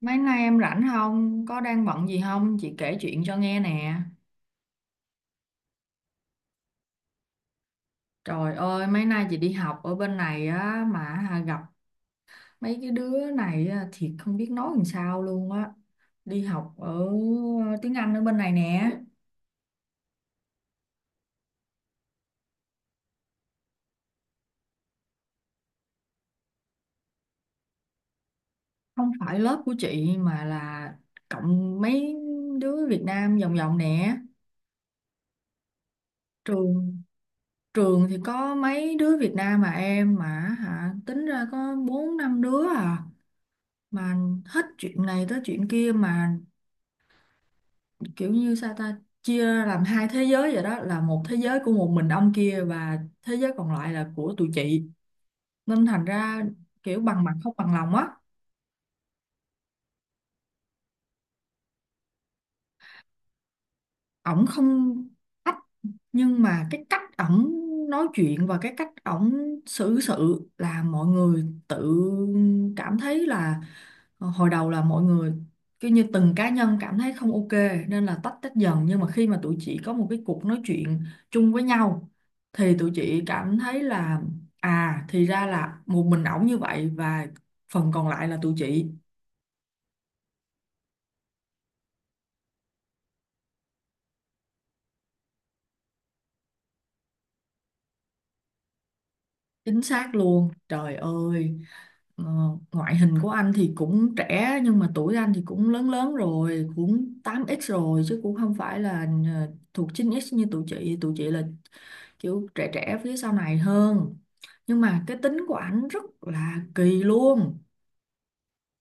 Mấy nay em rảnh không? Có đang bận gì không? Chị kể chuyện cho nghe nè. Trời ơi, mấy nay chị đi học ở bên này á mà hà gặp mấy cái đứa này á, thiệt không biết nói làm sao luôn á. Đi học ở tiếng Anh ở bên này nè. Không phải lớp của chị mà là cộng mấy đứa Việt Nam vòng vòng nè. Trường trường thì có mấy đứa Việt Nam mà em mà hả tính ra có bốn năm đứa à mà hết chuyện này tới chuyện kia mà kiểu như sao ta chia ra làm hai thế giới vậy đó, là một thế giới của một mình ông kia và thế giới còn lại là của tụi chị, nên thành ra kiểu bằng mặt không bằng lòng á. Ổng không ách nhưng mà cái cách ổng nói chuyện và cái cách ổng xử sự là mọi người tự cảm thấy là hồi đầu là mọi người cứ như từng cá nhân cảm thấy không ok, nên là tách tách dần, nhưng mà khi mà tụi chị có một cái cuộc nói chuyện chung với nhau thì tụi chị cảm thấy là à thì ra là một mình ổng như vậy và phần còn lại là tụi chị. Chính xác luôn trời ơi. ờ, Ngoại hình của anh thì cũng trẻ nhưng mà tuổi anh thì cũng lớn lớn rồi, cũng 8x rồi chứ cũng không phải là thuộc 9x như tụi chị là kiểu trẻ trẻ phía sau này hơn. Nhưng mà cái tính của ảnh rất là kỳ luôn,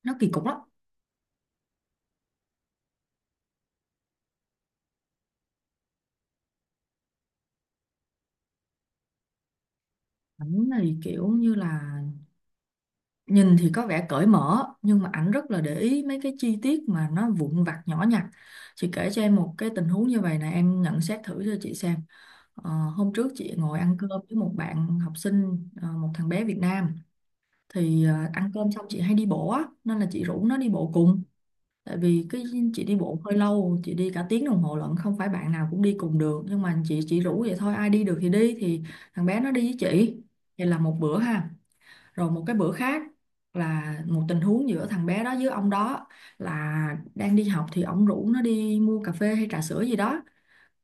nó kỳ cục lắm. Ảnh này kiểu như là nhìn thì có vẻ cởi mở nhưng mà ảnh rất là để ý mấy cái chi tiết mà nó vụn vặt nhỏ nhặt. Chị kể cho em một cái tình huống như vậy nè, em nhận xét thử cho chị xem. Hôm trước chị ngồi ăn cơm với một bạn học sinh, một thằng bé Việt Nam, thì ăn cơm xong chị hay đi bộ á nên là chị rủ nó đi bộ cùng. Tại vì cái chị đi bộ hơi lâu, chị đi cả tiếng đồng hồ lận, không phải bạn nào cũng đi cùng được nhưng mà chị chỉ rủ vậy thôi, ai đi được thì đi, thì thằng bé nó đi với chị. Vậy là một bữa ha. Rồi một cái bữa khác là một tình huống giữa thằng bé đó với ông đó, là đang đi học thì ông rủ nó đi mua cà phê hay trà sữa gì đó,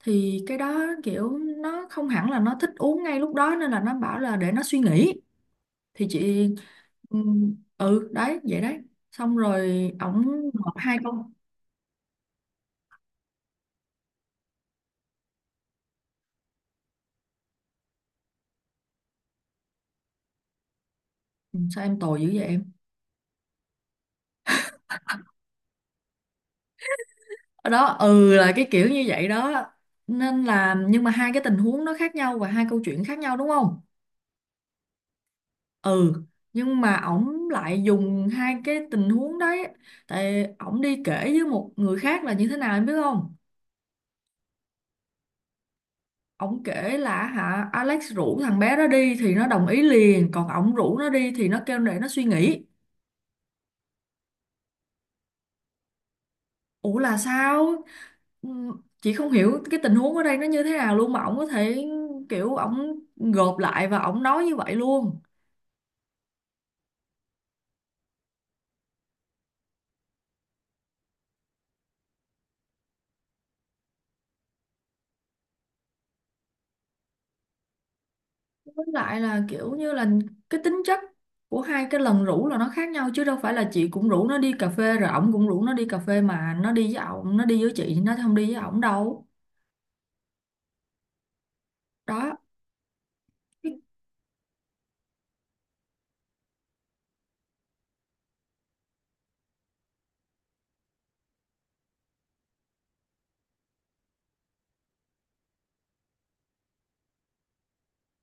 thì cái đó kiểu nó không hẳn là nó thích uống ngay lúc đó nên là nó bảo là để nó suy nghĩ. Thì chị ừ đấy vậy đấy, xong rồi ổng nộp hai câu. Ừ, sao em tồi dữ vậy em. Ở đó là cái kiểu như vậy đó, nên là nhưng mà hai cái tình huống nó khác nhau và hai câu chuyện khác nhau đúng không? Ừ, nhưng mà ổng lại dùng hai cái tình huống đấy tại ổng đi kể với một người khác là như thế nào em biết không? Ổng kể là hả Alex rủ thằng bé đó đi thì nó đồng ý liền, còn ổng rủ nó đi thì nó kêu để nó suy nghĩ. Ủa là sao? Chị không hiểu cái tình huống ở đây nó như thế nào luôn mà ổng có thể kiểu ổng gộp lại và ổng nói như vậy luôn. Với lại là kiểu như là cái tính chất của hai cái lần rủ là nó khác nhau, chứ đâu phải là chị cũng rủ nó đi cà phê rồi ổng cũng rủ nó đi cà phê mà nó đi với ổng, nó đi với chị nó không đi với ổng đâu. Đó.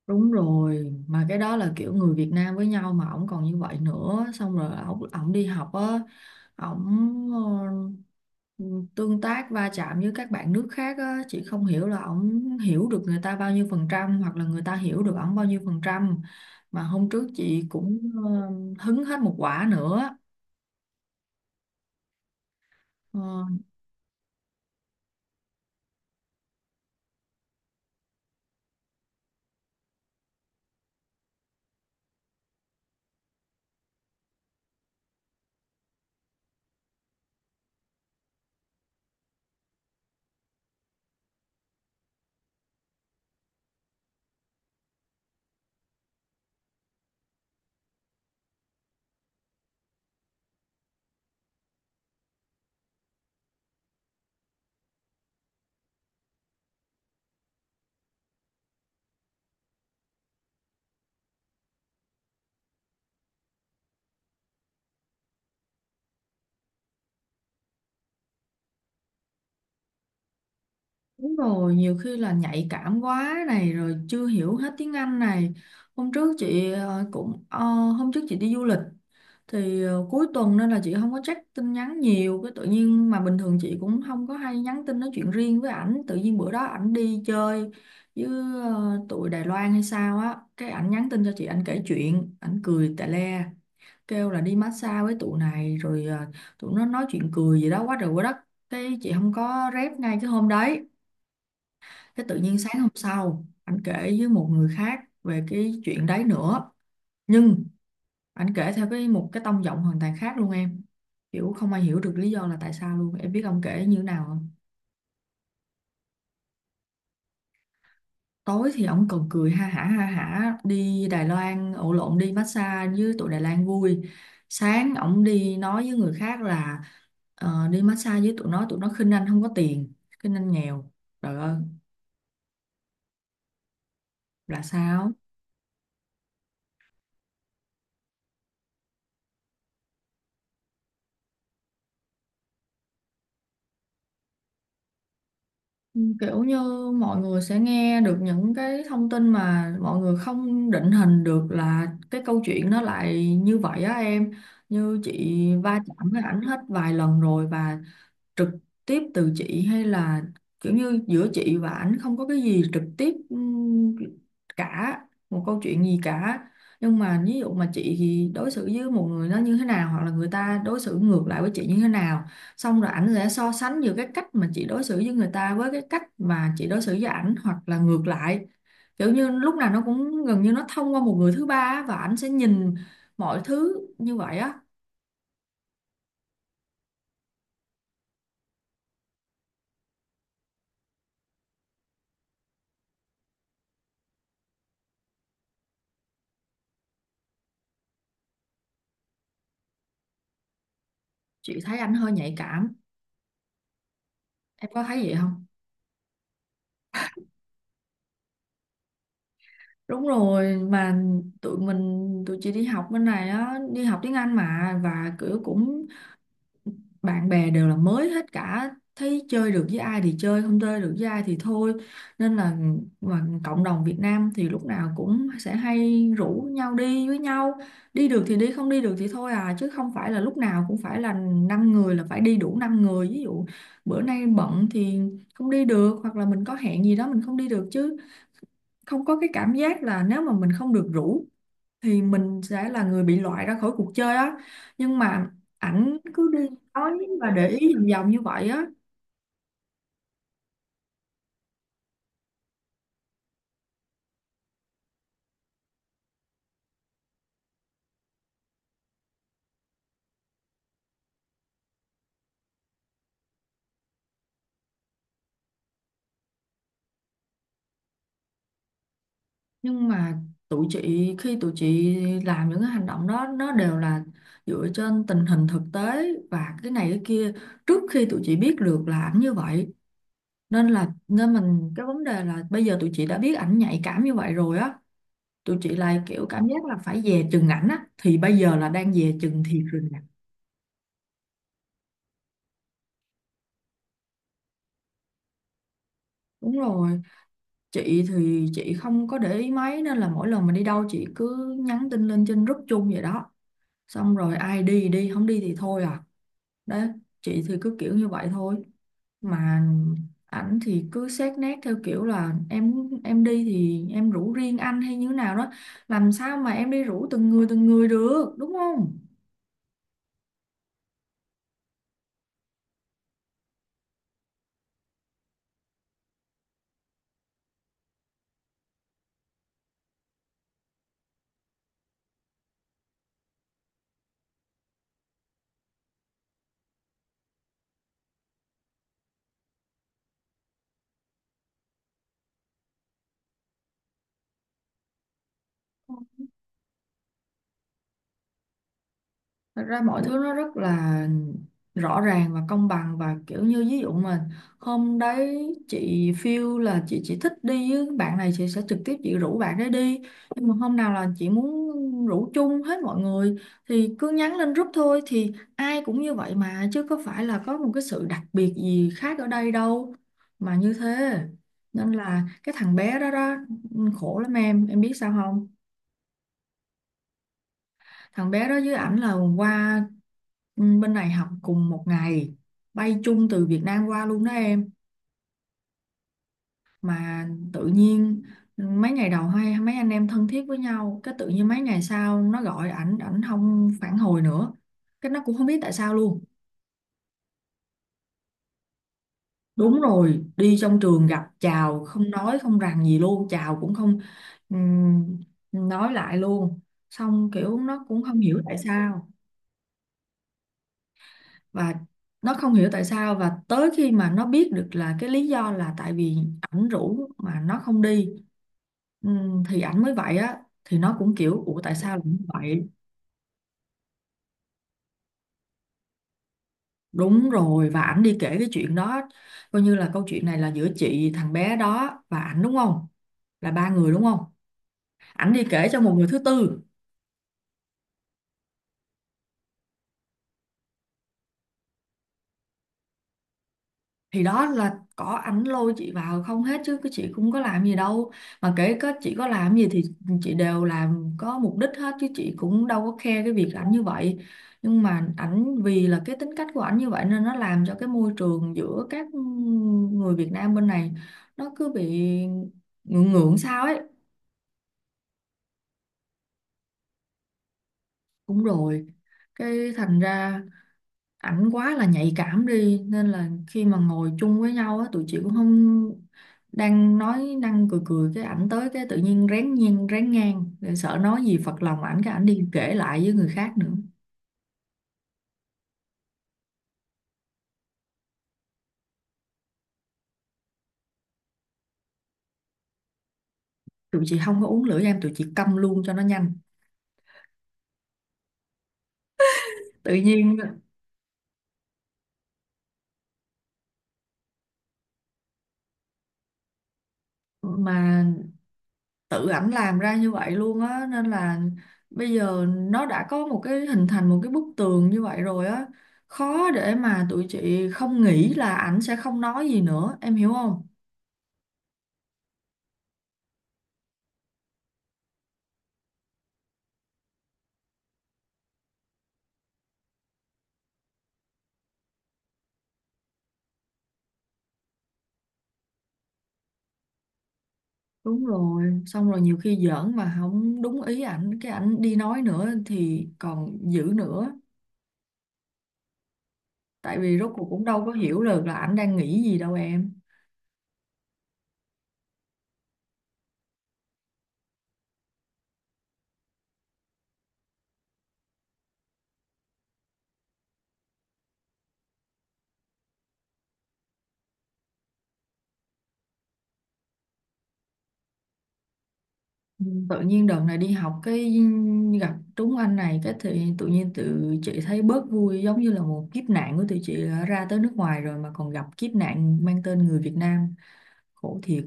Đúng rồi, mà cái đó là kiểu người Việt Nam với nhau mà ổng còn như vậy nữa, xong rồi ổng ổng đi học á, ổng ờ, tương tác va chạm với các bạn nước khác á, chị không hiểu là ổng hiểu được người ta bao nhiêu phần trăm hoặc là người ta hiểu được ổng bao nhiêu phần trăm. Mà hôm trước chị cũng ờ, hứng hết một quả nữa. Ờ, đúng rồi, nhiều khi là nhạy cảm quá này rồi chưa hiểu hết tiếng Anh này. Hôm trước chị ờ, cũng ờ, Hôm trước chị đi du lịch, thì cuối tuần nên là chị không có check tin nhắn nhiều, cái tự nhiên mà bình thường chị cũng không có hay nhắn tin nói chuyện riêng với ảnh, tự nhiên bữa đó ảnh đi chơi với tụi Đài Loan hay sao á, cái ảnh nhắn tin cho chị, ảnh kể chuyện ảnh cười tè le, kêu là đi massage với tụi này rồi tụi nó nói chuyện cười gì đó quá trời quá đất. Cái chị không có rep ngay cái hôm đấy, cái tự nhiên sáng hôm sau ảnh kể với một người khác về cái chuyện đấy nữa. Nhưng ảnh kể theo cái một cái tông giọng hoàn toàn khác luôn em. Kiểu không ai hiểu được lý do là tại sao luôn. Em biết ông kể như thế nào không? Tối thì ông còn cười ha hả đi Đài Loan, ổ lộn, đi massage với tụi Đài Loan vui. Sáng ông đi nói với người khác là đi massage với tụi nó khinh anh không có tiền, khinh anh nghèo. Trời ơi, là sao? Ừ, kiểu như mọi người sẽ nghe được những cái thông tin mà mọi người không định hình được là cái câu chuyện nó lại như vậy á em. Như chị va chạm với ảnh hết vài lần rồi và trực tiếp từ chị, hay là kiểu như giữa chị và ảnh không có cái gì trực tiếp cả, một câu chuyện gì cả, nhưng mà ví dụ mà chị thì đối xử với một người nó như thế nào hoặc là người ta đối xử ngược lại với chị như thế nào, xong rồi ảnh sẽ so sánh giữa cái cách mà chị đối xử với người ta với cái cách mà chị đối xử với ảnh hoặc là ngược lại. Kiểu như lúc nào nó cũng gần như nó thông qua một người thứ ba á, và ảnh sẽ nhìn mọi thứ như vậy á. Chị thấy ảnh hơi nhạy cảm, em có thấy vậy không? Đúng rồi, mà tụi chị đi học bên này á, đi học tiếng Anh mà, và kiểu cũng bạn bè đều là mới hết cả, thấy chơi được với ai thì chơi, không chơi được với ai thì thôi, nên là mà cộng đồng Việt Nam thì lúc nào cũng sẽ hay rủ nhau đi với nhau, đi được thì đi không đi được thì thôi à, chứ không phải là lúc nào cũng phải là năm người là phải đi đủ năm người, ví dụ bữa nay bận thì không đi được, hoặc là mình có hẹn gì đó mình không đi được, chứ không có cái cảm giác là nếu mà mình không được rủ thì mình sẽ là người bị loại ra khỏi cuộc chơi á. Nhưng mà ảnh cứ đi nói và để ý vòng vòng như vậy á. Nhưng mà tụi chị khi tụi chị làm những cái hành động đó nó đều là dựa trên tình hình thực tế và cái này cái kia, trước khi tụi chị biết được là ảnh như vậy, nên mình, cái vấn đề là bây giờ tụi chị đã biết ảnh nhạy cảm như vậy rồi á, tụi chị lại kiểu cảm giác là phải dè chừng ảnh á, thì bây giờ là đang dè chừng thiệt rồi nè. Đúng rồi, chị thì chị không có để ý mấy nên là mỗi lần mà đi đâu chị cứ nhắn tin lên trên group chung vậy đó, xong rồi ai đi thì đi không đi thì thôi à, đấy, chị thì cứ kiểu như vậy thôi. Mà ảnh thì cứ xét nét theo kiểu là em đi thì em rủ riêng anh hay như nào đó, làm sao mà em đi rủ từng người được đúng không? Thật ra mọi thứ nó rất là rõ ràng và công bằng, và kiểu như ví dụ mà hôm đấy chị feel là chị chỉ thích đi với bạn này, chị sẽ trực tiếp chị rủ bạn đấy đi, nhưng mà hôm nào là chị muốn rủ chung hết mọi người thì cứ nhắn lên group thôi, thì ai cũng như vậy mà chứ có phải là có một cái sự đặc biệt gì khác ở đây đâu, mà như thế, nên là cái thằng bé đó đó khổ lắm em biết sao không? Thằng bé đó với ảnh là qua Bên này học cùng một ngày, bay chung từ Việt Nam qua luôn đó em. Mà tự nhiên mấy ngày đầu hay mấy anh em thân thiết với nhau, cái tự nhiên mấy ngày sau nó gọi ảnh ảnh không phản hồi nữa, cái nó cũng không biết tại sao luôn. Đúng rồi, đi trong trường gặp chào không nói không rằng gì luôn, chào cũng không. ừm, nói lại luôn, xong kiểu nó cũng không hiểu tại sao. Và nó không hiểu tại sao, và tới khi mà nó biết được là cái lý do là tại vì ảnh rủ mà nó không đi, thì ảnh mới vậy á, thì nó cũng kiểu ủa tại sao lại như vậy. Đúng rồi, và ảnh đi kể cái chuyện đó. Coi như là câu chuyện này là giữa chị, thằng bé đó và ảnh, đúng không, là ba người đúng không. Ảnh đi kể cho một người thứ tư. Thì đó là có ảnh lôi chị vào không hết chứ cái chị cũng có làm gì đâu, mà kể có chị có làm gì thì chị đều làm có mục đích hết chứ chị cũng đâu có khe cái việc ảnh như vậy. Nhưng mà ảnh vì là cái tính cách của ảnh như vậy nên nó làm cho cái môi trường giữa các người Việt Nam bên này nó cứ bị ngượng ngượng sao ấy. Cũng rồi, cái thành ra ảnh quá là nhạy cảm đi, nên là khi mà ngồi chung với nhau á tụi chị cũng không, đang nói năng cười cười cái ảnh tới cái tự nhiên rén, ngang rồi, sợ nói gì phật lòng ảnh cái ảnh đi kể lại với người khác nữa. Tụi chị không có uống lửa em, tụi chị câm luôn cho nó nhanh. Tự nhiên mà tự ảnh làm ra như vậy luôn á, nên là bây giờ nó đã có một cái hình thành một cái bức tường như vậy rồi á, khó để mà tụi chị không nghĩ là ảnh sẽ không nói gì nữa, em hiểu không. Đúng rồi, xong rồi nhiều khi giỡn mà không đúng ý ảnh, cái ảnh đi nói nữa thì còn dữ nữa. Tại vì rốt cuộc cũng đâu có hiểu được là ảnh đang nghĩ gì đâu em. Ừ, tự nhiên đợt này đi học cái gặp trúng anh này cái thì tự nhiên tụi chị thấy bớt vui, giống như là một kiếp nạn của tụi chị, đã ra tới nước ngoài rồi mà còn gặp kiếp nạn mang tên người Việt Nam. Khổ thiệt.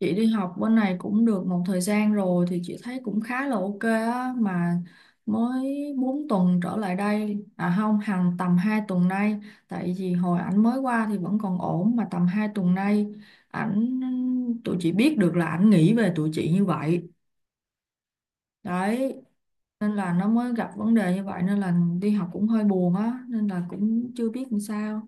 Chị đi học bên này cũng được một thời gian rồi thì chị thấy cũng khá là ok á, mà mới 4 tuần trở lại đây, à không, hàng tầm 2 tuần nay, tại vì hồi ảnh mới qua thì vẫn còn ổn, mà tầm 2 tuần nay ảnh, tụi chị biết được là ảnh nghĩ về tụi chị như vậy đấy, nên là nó mới gặp vấn đề như vậy, nên là đi học cũng hơi buồn á, nên là cũng chưa biết làm sao.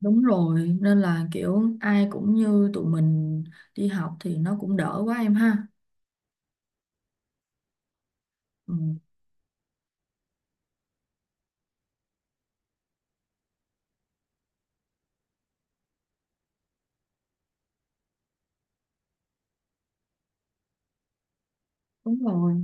Đúng rồi, nên là kiểu ai cũng như tụi mình đi học thì nó cũng đỡ quá em ha. Ừ. Đúng rồi,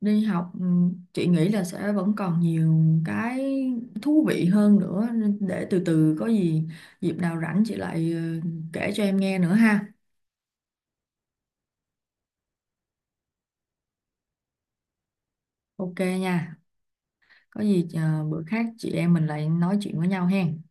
đi học ừ, chị nghĩ là sẽ vẫn còn nhiều cái thú vị hơn nữa, nên để từ từ có gì dịp nào rảnh chị lại ừ, kể cho em nghe nữa ha. Ok nha. Có gì bữa khác chị em mình lại nói chuyện với nhau hen.